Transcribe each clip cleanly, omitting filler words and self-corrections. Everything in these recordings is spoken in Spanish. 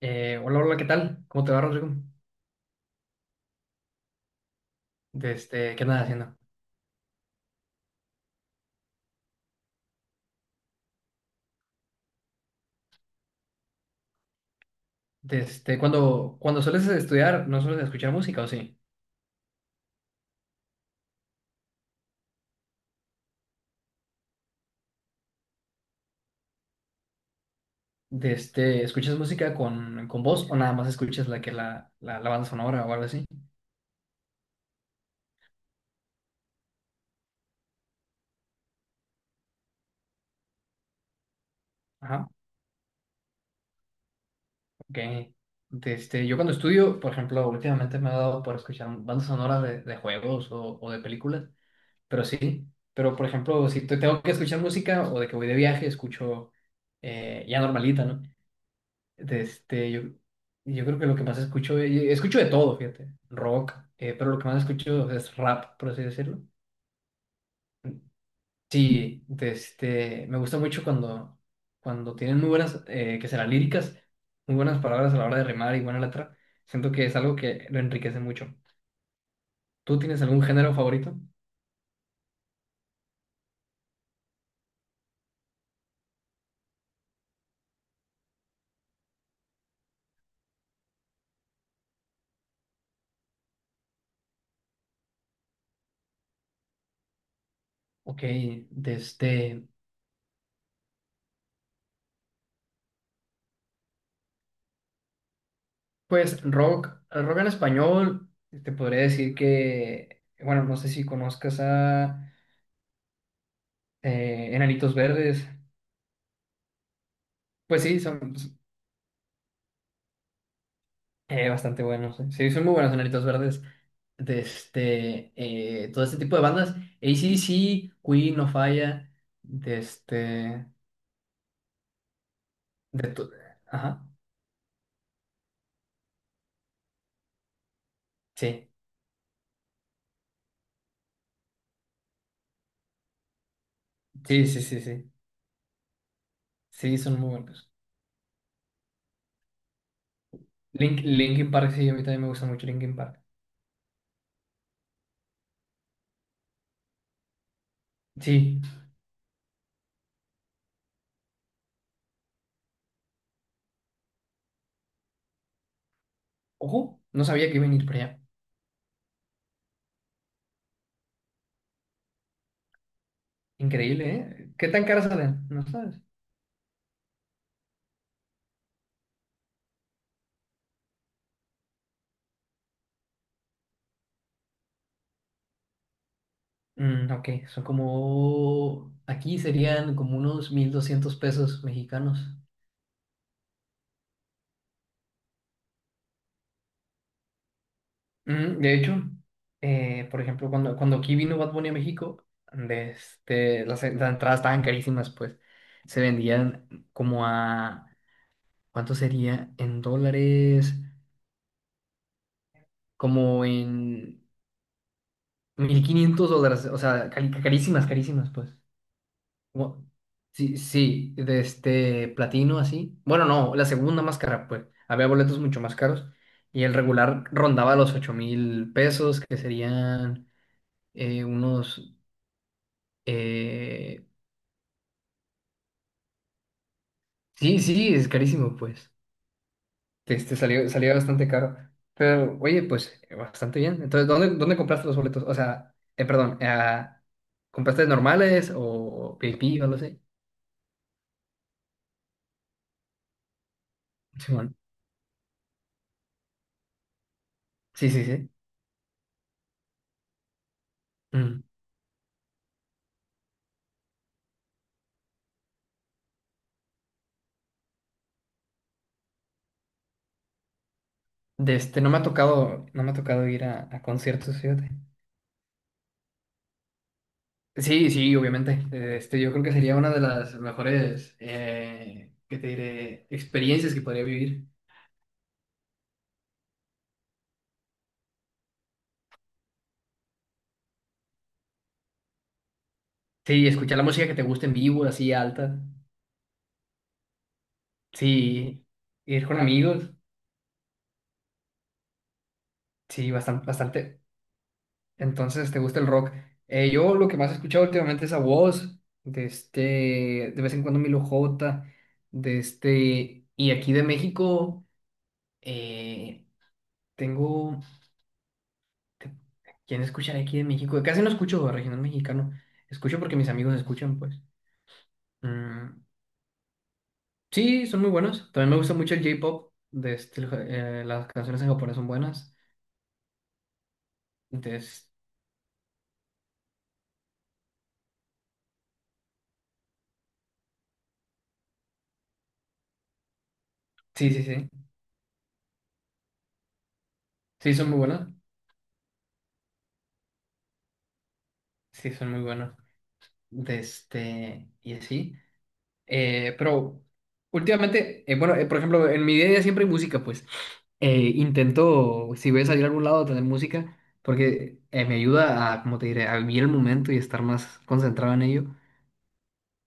Hola, hola, ¿qué tal? ¿Cómo te va, Rodrigo? ¿Qué andas haciendo? Cuando sueles estudiar, ¿no sueles escuchar música o sí? ¿Escuchas música con voz o nada más escuchas la que la banda sonora o algo así? Ajá, ok. Yo cuando estudio, por ejemplo, últimamente me ha dado por escuchar bandas sonoras de juegos o de películas, pero sí. Pero, por ejemplo, si tengo que escuchar música o de que voy de viaje, escucho ya normalita, ¿no? de este, yo, yo creo que lo que más escucho, escucho de todo, fíjate, rock, pero lo que más escucho es rap, por así decirlo. Sí, me gusta mucho cuando tienen muy buenas, que serán líricas, muy buenas palabras a la hora de rimar y buena letra. Siento que es algo que lo enriquece mucho. ¿Tú tienes algún género favorito? Ok. de este, pues rock, rock en español, te podría decir que, bueno, no sé si conozcas a Enanitos Verdes. Pues sí, son bastante buenos. Sí, son muy buenos Enanitos Verdes. Todo este tipo de bandas. AC/DC, Queen, No Falla. De este. De to- Ajá. Sí. Sí, sí, sí, sí. Sí, son muy buenos. Linkin Park, sí, a mí también me gusta mucho Linkin Park. Sí. Ojo, no sabía que iba a venir por allá. Increíble, ¿eh? ¿Qué tan caras salen? No sabes. Mm, ok, son como. Aquí serían como unos 1,200 pesos mexicanos. De hecho, por ejemplo, cuando aquí vino Bad Bunny a México, las entradas estaban carísimas, pues se vendían como a, ¿cuánto sería? En dólares, como en 1,500 dólares, o sea, carísimas, carísimas, pues. Como- sí, sí, de este platino así. Bueno, no, la segunda más cara, pues. Había boletos mucho más caros y el regular rondaba los 8,000 pesos, que serían unos. Eh, sí, sí, es carísimo, pues. Este salió bastante caro. Pero, oye, pues, bastante bien. Entonces, ¿dónde compraste los boletos? O sea, perdón, ¿compraste normales o VIP o lo sé? Simón. Sí, sí, sí. Mm. No me ha tocado ir a conciertos, fíjate. Sí, sí, obviamente. Yo creo que sería una de las mejores, ¿qué te diré? Experiencias que podría vivir. Sí, escuchar la música que te gusta en vivo, así alta. Sí, ir con amigos, sí, bastante, bastante. Entonces, ¿te gusta el rock? Yo lo que más he escuchado últimamente es a Wos, de vez en cuando Milo J, y aquí de México, eh, tengo, te- ¿quién escuchará aquí de México? Casi no escucho regional mexicano, escucho porque mis amigos escuchan, pues. Mm, sí, son muy buenos. También me gusta mucho el J-pop, de este, el ja- las canciones en japonés son buenas. Entonces, sí, sí, sí, sí, son muy buenas. Sí, son muy buenos. Y así. Pero últimamente, bueno, por ejemplo, en mi día a día siempre hay música, pues. Intento, si voy a salir a algún lado, tener música, porque me ayuda a, como te diré, a vivir el momento y estar más concentrado en ello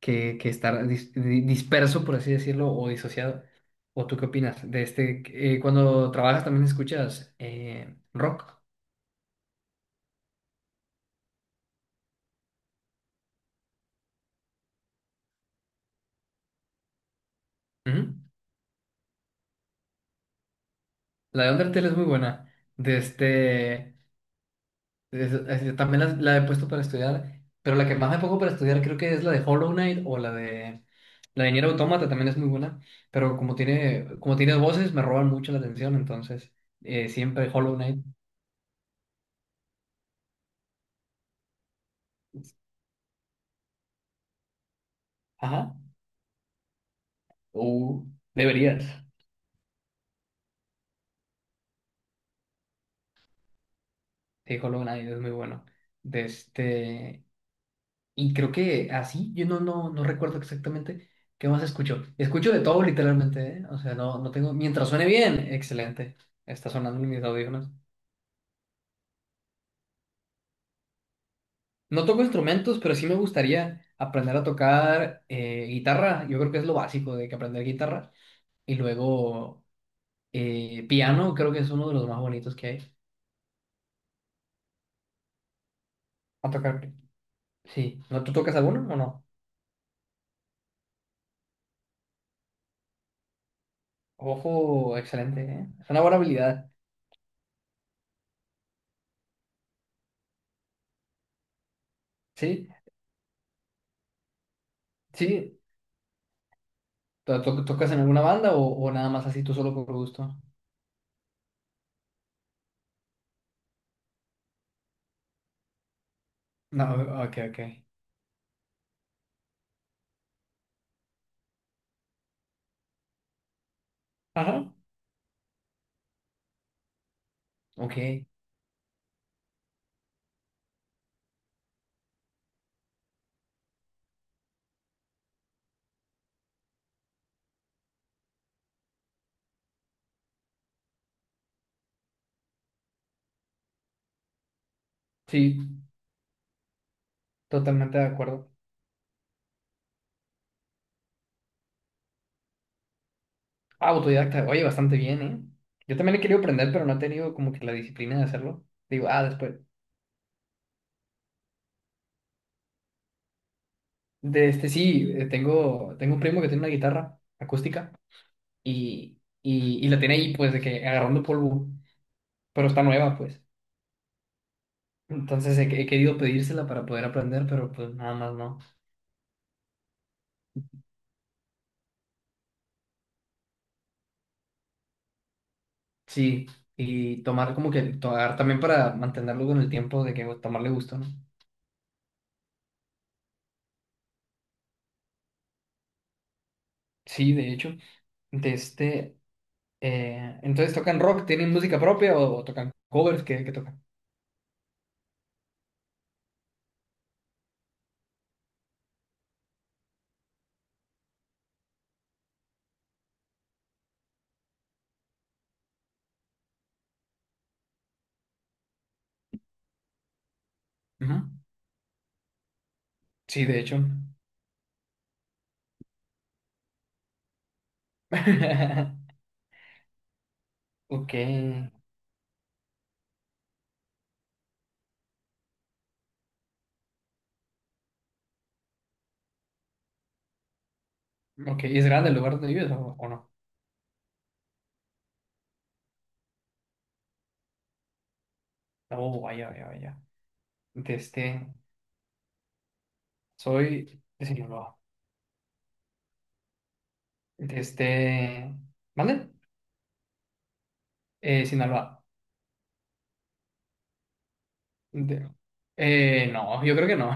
que estar disperso, por así decirlo, o disociado. ¿O tú qué opinas? Cuando trabajas también escuchas rock. Ujú. La de Undertale es muy buena. De este. También la, he puesto para estudiar, pero la que más me pongo para estudiar creo que es la de Hollow Knight o la de Nier Automata, también es muy buena, pero como tiene voces me roban mucho la atención, entonces siempre Hollow Knight. Ajá. Uh, Deberías. Sí, Hollow Knight es muy bueno. De este Y creo que así, yo no recuerdo exactamente qué más escucho. Escucho de todo literalmente, ¿eh? O sea, no tengo, mientras suene bien, excelente. Está sonando en mis audífonos. No toco instrumentos, pero sí me gustaría aprender a tocar guitarra. Yo creo que es lo básico de que aprender guitarra. Y luego piano, creo que es uno de los más bonitos que hay. A tocar. Sí. ¿No tú tocas alguno o no? Ojo, excelente, ¿eh? Es una buena habilidad. Sí, sí. ¿Tocas en alguna banda o nada más así tú solo por gusto? No, ok, ok. Ajá. Ok, sí, totalmente de acuerdo. Ah, autodidacta. Oye, bastante bien, ¿eh? Yo también he querido aprender, pero no he tenido como que la disciplina de hacerlo. Digo, ah, después. De este Sí, tengo un primo que tiene una guitarra acústica y la tiene ahí, pues, de que agarrando polvo, pero está nueva, pues. Entonces he querido pedírsela para poder aprender, pero pues nada más no. Sí, y tomar como que, tomar también para mantenerlo con el tiempo, de que pues, tomarle gusto, ¿no? Sí, de hecho. de este... entonces tocan rock, ¿tienen música propia o tocan covers que tocan? Ujú. Sí, de hecho. Ok, ok. ¿Y es grande el lugar donde vives o no? Oh, vaya, vaya, vaya. De este, Soy de Sinaloa. De este, ¿Vale? Sinaloa. De- no, yo creo que no.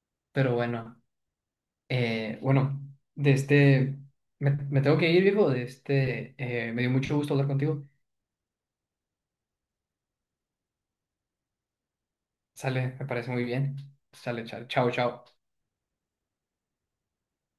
Pero bueno, eh, bueno, de este, me tengo que ir, viejo. Me dio mucho gusto hablar contigo. Sale, me parece muy bien. Sale, chao, chao, chao.